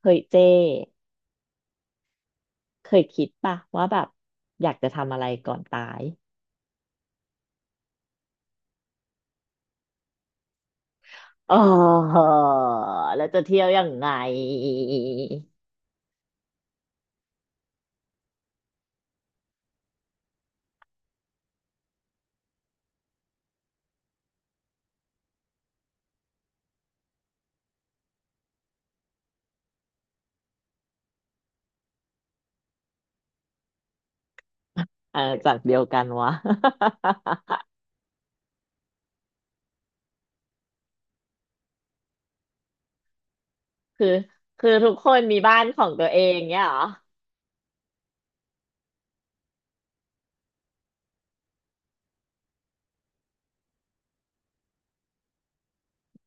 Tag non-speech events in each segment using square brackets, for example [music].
เคยเจ้เคยคิดป่ะว่าแบบอยากจะทำอะไรก่อนตายอ๋อแล้วจะเที่ยวยังไงเออจากเดียวกันวะ [laughs] คือคือทุกคนมีบ้านของตัวเองเนี่ยเหรอ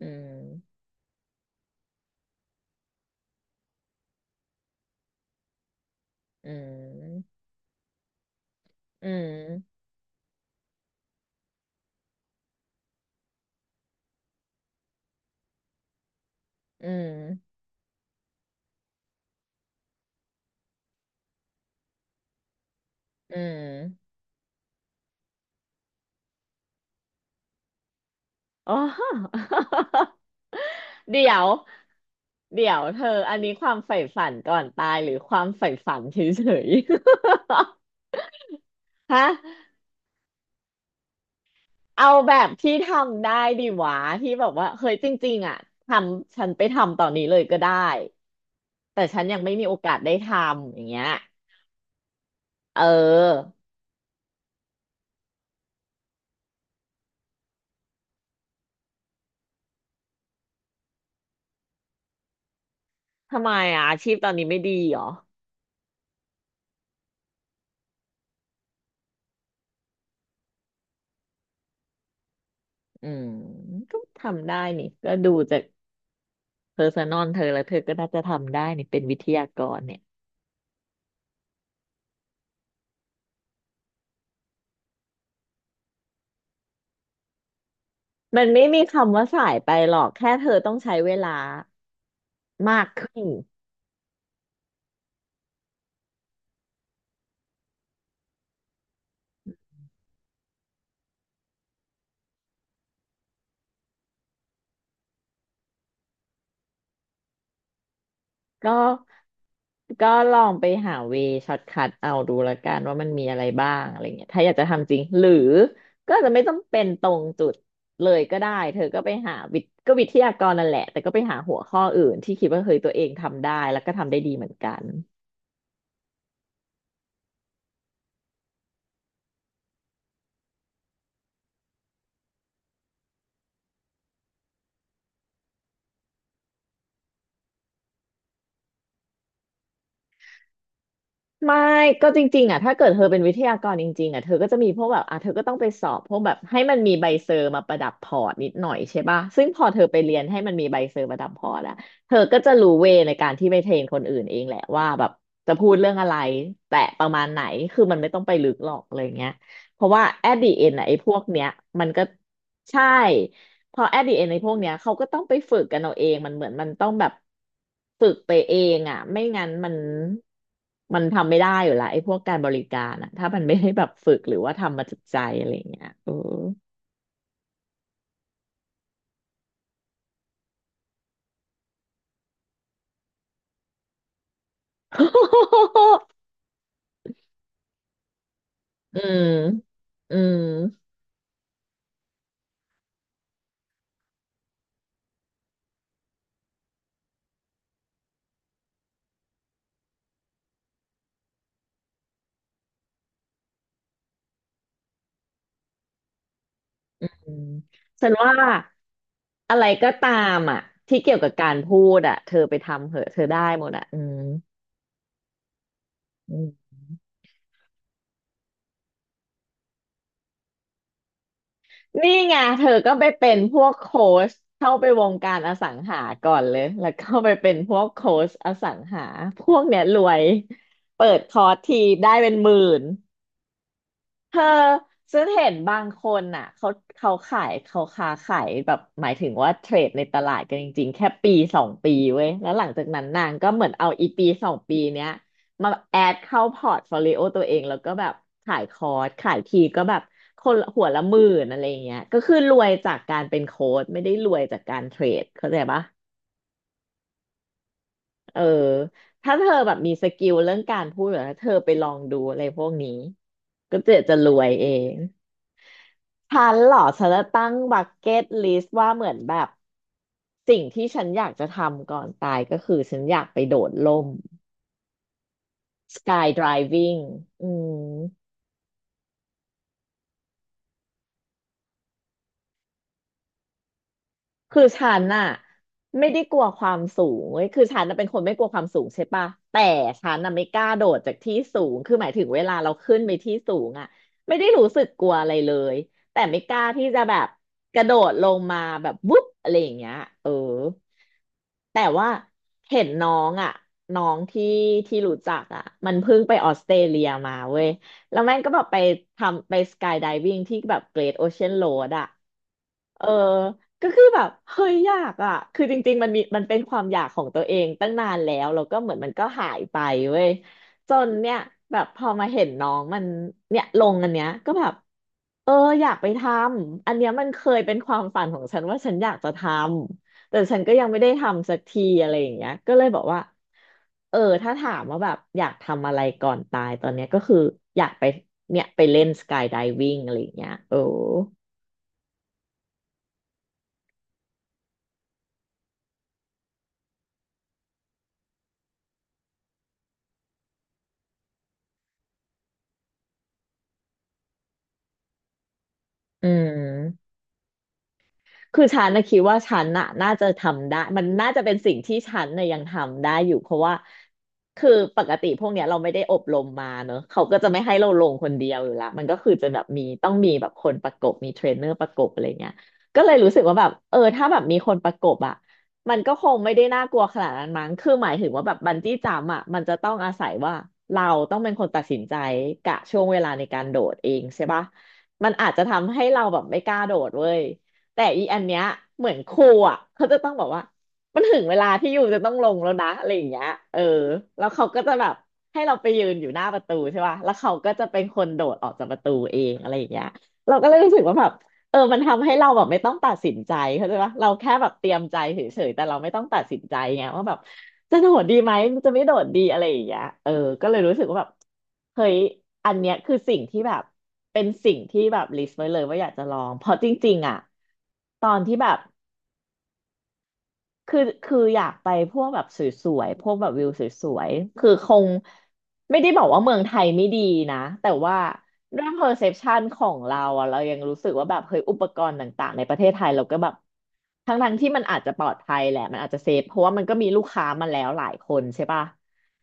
อืมอืมอืมอืมอืมอ๋อ [laughs] เดี๋ยวเดี๋ยวเธออันนี้ความใฝ่ฝันก่อนตายหรือความใฝ่ฝันเฉยๆ [laughs] ฮะ เอาแบบที่ทำได้ดีหวาที่แบบว่าเฮ้ยจริงๆอ่ะทำฉันไปทำตอนนี้เลยก็ได้แต่ฉันยังไม่มีโอกาสได้ทำอย่างเงี้ยเออทำไมอ่ะอาชีพตอนนี้ไม่ดีเหรออืมก็ทำได้นี่ก็ดูจากเพอร์ซันอลเธอแล้วเธอก็น่าจะทำได้นี่เป็นวิทยากรเนี่ยมันไม่มีคำว่าสายไปหรอกแค่เธอต้องใช้เวลามากขึ้น ก็ก็ลองไปหาเวช็อตคัทเอาดูละกันว่ามันมีอะไรบ้างอะไรเงี้ยถ้าอยากจะทำจริงหรือก็อาจจะไม่ต้องเป็นตรงจุดเลยก็ได้เธอก็ไปหาวิทก็วิทยากรนั่นแหละแต่ก็ไปหาหัวข้ออื่นที่คิดว่าเฮ้ยตัวเองทำได้แล้วก็ทำได้ดีเหมือนกัน ไม่ก็จริงๆอ่ะถ้าเกิดเธอเป็นวิทยากรจริงๆอ่ะเธอก็จะมีพวกแบบอ่ะเธอก็ต้องไปสอบพวกแบบให้มันมีใบเซอร์มาประดับพอร์ตนิดหน่อยใช่ป่ะซึ่งพอเธอไปเรียนให้มันมีใบเซอร์ประดับพอร์ตอะเธอก็จะรู้เวในการที่ไปเทรนคนอื่นเองแหละว่าแบบจะพูดเรื่องอะไรแต่ประมาณไหนคือมันไม่ต้องไปลึกหรอกอะไรเงี้ยเพราะว่า at the end อะไอ้พวกเนี้ยมันก็ใช่ พอแอดดิเอในพวกเนี้ยเขาก็ต้องไปฝึกกันเอาเองมันเหมือนมันต้องแบบฝึกไปเองอ่ะไม่งั้นมันทำไม่ได้อยู่ละไอ้พวกการบริการอ่ะถ้ามันไม่ได้แบบฝึกหรือว่าทำมาจากใจอะไรอย่างเงี้ยเออ [laughs] อืมอืมอืมฉันว่าอะไรก็ตามอ่ะที่เกี่ยวกับการพูดอ่ะเธอไปทำเหอะเธอได้หมดอ่ะอืม นี่ไงเธอก็ไปเป็นพวกโค้ชเข้าไปวงการอสังหาก่อนเลยแล้วก็ไปเป็นพวกโค้ชอสังหาพวกเนี้ยรวยเปิดคอร์สทีได้เป็นหมื่น เธอฉันเห็นบางคนอ่ะเขาขายเขาค้าขายแบบหมายถึงว่าเทรดในตลาดกันจริงๆแค่ปีสองปีเว้ยแล้วหลังจากนั้นนางก็เหมือนเอาอีปีสองปีเนี้ยมาแอดเข้าพอร์ตโฟลิโอตัวเองแล้วก็แบบขายคอร์สขายทีก็แบบคนละหัวละหมื่นอะไรอย่างเงี้ยก็คือรวยจากการเป็นโค้ชไม่ได้รวยจากการเทรดเข้าใจปะเออถ้าเธอแบบมีสกิลเรื่องการพูดหรือถ้าเธอไปลองดูอะไรพวกนี้ก็จะรวยเอง ฉันเหรอฉันจะตั้งบักเก็ตลิสต์ว่าเหมือนแบบสิ่งที่ฉันอยากจะทำก่อนตายก็คือฉันอยากไปโดดร่ม Sky Driving อืม คือฉันน่ะไม่ได้กลัวความสูงเว้ยคือฉันน่ะเป็นคนไม่กลัวความสูงใช่ปะแต่ฉันน่ะไม่กล้าโดดจากที่สูง คือหมายถึงเวลาเราขึ้นไปที่สูงอ่ะไม่ได้รู้สึกกลัวอะไรเลย แต่ไม่กล้าที่จะแบบกระโดดลงมาแบบวุ๊บอะไรอย่างเงี้ยเออแต่ว่าเห็นน้องอ่ะน้องที่ที่รู้จักอ่ะมันเพิ่งไปออสเตรเลียมาเว้ยแล้วแม่งก็แบบไปทำไปสกายไดวิ n งที่แบบเกร t โอเชียนโรดอ่ะเออ ก็คือแบบเฮ้ยอยากอ่ะคือจริงๆมันมีมันเป็นความอยากของตัวเองตั้งนานแล้วแล้วก็เหมือนมันก็หายไปเว้ยจนเนี่ยแบบพอมาเห็นน้องมันเนี่ยลงอันเนี้ยก็แบบเอออยากไปทำอันเนี้ยมันเคยเป็นความฝันของฉันว่าฉันอยากจะทำแต่ฉันก็ยังไม่ได้ทำสักทีอะไรอย่างเงี้ยก็เลยบอกว่าเออถ้าถามว่าแบบอยากทำอะไรก่อนตายตอนเนี้ยก็คืออยากไปเนี่ยไปเล่นสกายไดวิ่งอะไรอย่างเงี้ยโอ้อืม คือฉันนะคิดว่าฉันน่ะน่าจะทำได้มันน่าจะเป็นสิ่งที่ฉันน่ะยังทำได้อยู่เพราะว่าคือปกติพวกเนี้ยเราไม่ได้อบรมมาเนอะเขาก็จะไม่ให้เราลงคนเดียวอยู่ละมันก็คือจะแบบมีต้องมีแบบคนประกบมีเทรนเนอร์ประกบอะไรเงี้ยก็เลยรู้สึกว่าแบบเออถ้าแบบมีคนประกบอ่ะมันก็คงไม่ได้น่ากลัวขนาดนั้นมั้งคือหมายถึงว่าแบบบันจี้จัมป์อ่ะมันจะต้องอาศัยว่าเราต้องเป็นคนตัดสินใจกะช่วงเวลาในการโดดเองใช่ปะมันอาจจะทำให้เราแบบไม่กล้าโดดเว้ย แต่อีอันเนี้ยเหมือนครูอ่ะเขาจะต้องบอกว่ามันถึงเวลาที่ยูจะต้องลงแล้วนะอะไรอย่างเงี้ยเออแล้วเขาก็จะแบบให้เราไปยืนอยู่หน้าประตูใช่ป่ะแล้วเขาก็จะเป็นคนโดดออกจากประตูเองอะไรอย่างเงี้ยเราก็เลยรู้สึกว่าแบบ เออมันทำให้เราแบบไม่ต้องตัดสินใจเข้าใจปะเราแค่แบบเตรียมใจเฉยๆแต่เราไม่ต้องตัดสินใจไงว่าแบบจะโดดดีไหมจะไม่โดดดีอะไรอย่างเงี้ยเออก็เลยรู้สึกว่าแบบเฮ้ยอันเนี้ยคือสิ่งที่แบบเป็นสิ่งที่แบบลิสต์ไว้เลยว่าอยากจะลองเพราะจริงๆอ่ะตอนที่แบบ คืออยากไปพวกแบบสวยๆพวกแบบวิวสวยๆคือคงไม่ได้บอกว่าเมืองไทยไม่ดีนะแต่ว่าด้วย perception ของเราอะเรายังรู้สึกว่าแบบเฮ้ยอุปกรณ์ต่างๆในประเทศไทยเราก็แบบทั้งที่มันอาจจะปลอดภัยแหละมันอาจจะเซฟเพราะว่ามันก็มีลูกค้ามาแล้วหลายคนใช่ป่ะ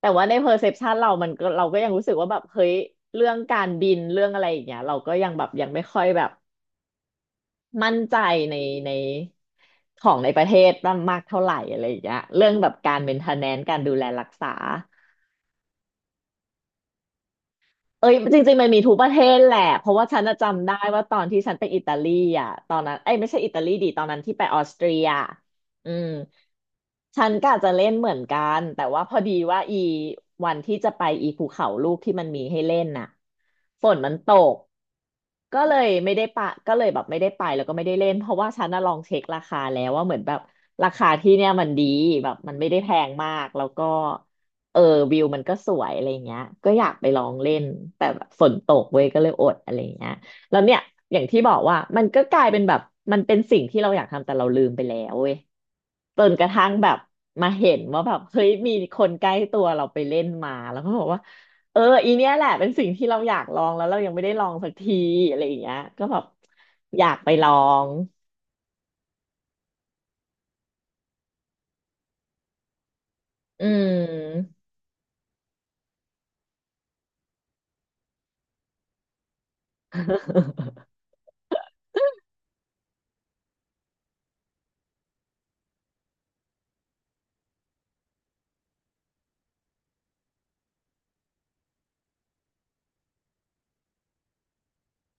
แต่ว่าใน perception เรามันก็เราก็ยังรู้สึกว่าแบบเฮ้ยเรื่องการบินเรื่องอะไรอย่างเงี้ยเราก็ยังแบบยังไม่ค่อยแบบ มั่นใจในในของในประเทศมากเท่าไหร่อะไรอย่างเงี้ยเรื่องแบบการเมนเทนแนนซ์การดูแลรักษาเอ้ยจริงๆมันมีทุกประเทศแหละเพราะว่าฉันน่ะจำได้ว่าตอนที่ฉันไปอิตาลีอ่ะตอนนั้นเอ้ยไม่ใช่อิตาลีดิตอนนั้นที่ไปออสเตรียอืมฉันก็อาจจะเล่นเหมือนกันแต่ว่าพอดีว่าอีวันที่จะไปอีภูเขาลูกที่มันมีให้เล่นน่ะฝนมันตก ก็เลยไม่ได้ปะก็เลยแบบไม่ได้ไปแล้วก็ไม่ได้เล่นเพราะว่าฉันน่ะลองเช็คราคาแล้วว่าเหมือนแบบราคาที่เนี่ยมันดีแบบมันไม่ได้แพงมากแล้วก็เออวิวมันก็สวยอะไรเงี้ยก็อยากไปลองเล่นแต่แบบฝนตกเว้ยก็เลยอดอะไรเงี้ยแล้วเนี่ยอย่างที่บอกว่ามันก็กลายเป็นแบบมันเป็นสิ่งที่เราอยากทำแต่เราลืมไปแล้วเว้ยจนกระทั่งแบบมาเห็นว่าแบบเฮ้ยมีคนใกล้ตัวเราไปเล่นมาแล้วก็บอกว่า เอออีเนี้ยแหละเป็นสิ่งที่เราอยากลองแล้วเรายังไม่ได้ลองสักทีอะไรอย่างเงี้ยก็แบบอยากไปลองอืม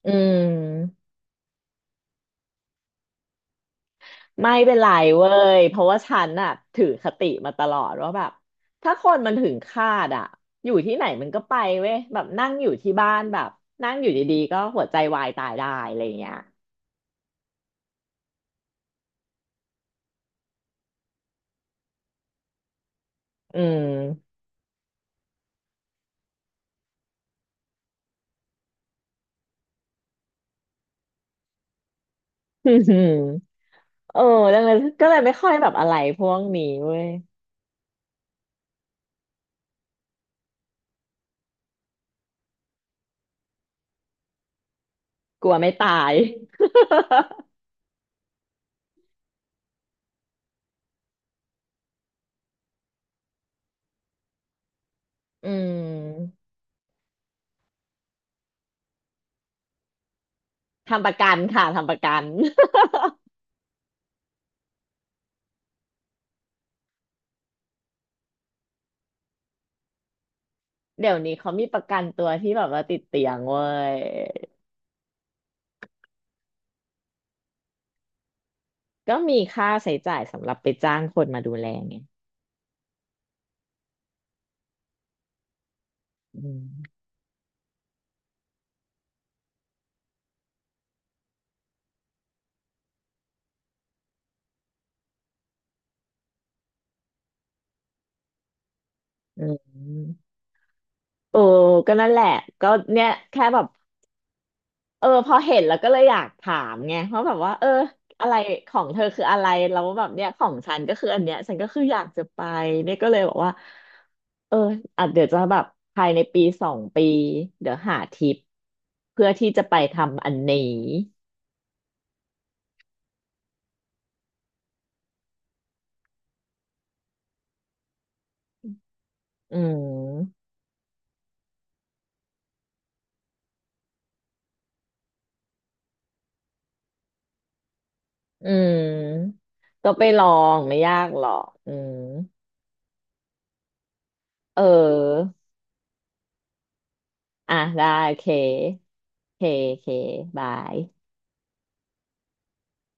อืมไม่เป็นไรเว้ยเพราะว่าฉันน่ะถือคติมาตลอดว่าแบบถ้าคนมันถึงคาดอ่ะอยู่ที่ไหนมันก็ไปเว้ยแบบนั่งอยู่ที่บ้านแบบนั่งอยู่ดีๆก็หัวใจวายตายได้อะไรอย่างเงี้ยอืม [laughs] อืมเออดังนั้นก็เลยไม่ค่อยแบบอะไรพวกนี้เว้ยกลัวไม่ตายอืม ทำประกันค่ะทำประกัน [laughs] เดี๋ยวนี้เขามีประกันตัวที่แบบว่าติดเตียงเว้ยก็มีค่าใช้จ่ายสำหรับไปจ้างคนมาดูแลไงอืมอืมโอ้ก็นั่นแหละก็เนี่ยแค่แบบเออพอเห็นแล้วก็เลยอยากถามไงเพราะแบบว่าเอออะไรของเธอคืออะไรแล้วแบบเนี้ยของฉันก็คืออันเนี้ยฉันก็คืออยากจะไปเนี่ยก็เลยบอกว่าเอออาจเดี๋ยวจะแบบภายในปีสองปีเดี๋ยวหาทริปเพื่อที่จะไปทำอันนี้ อืมอืมก็ไปลองไม่ยากหรอกอืมเอออ่ะได้โอเคโอเคโอเคบาย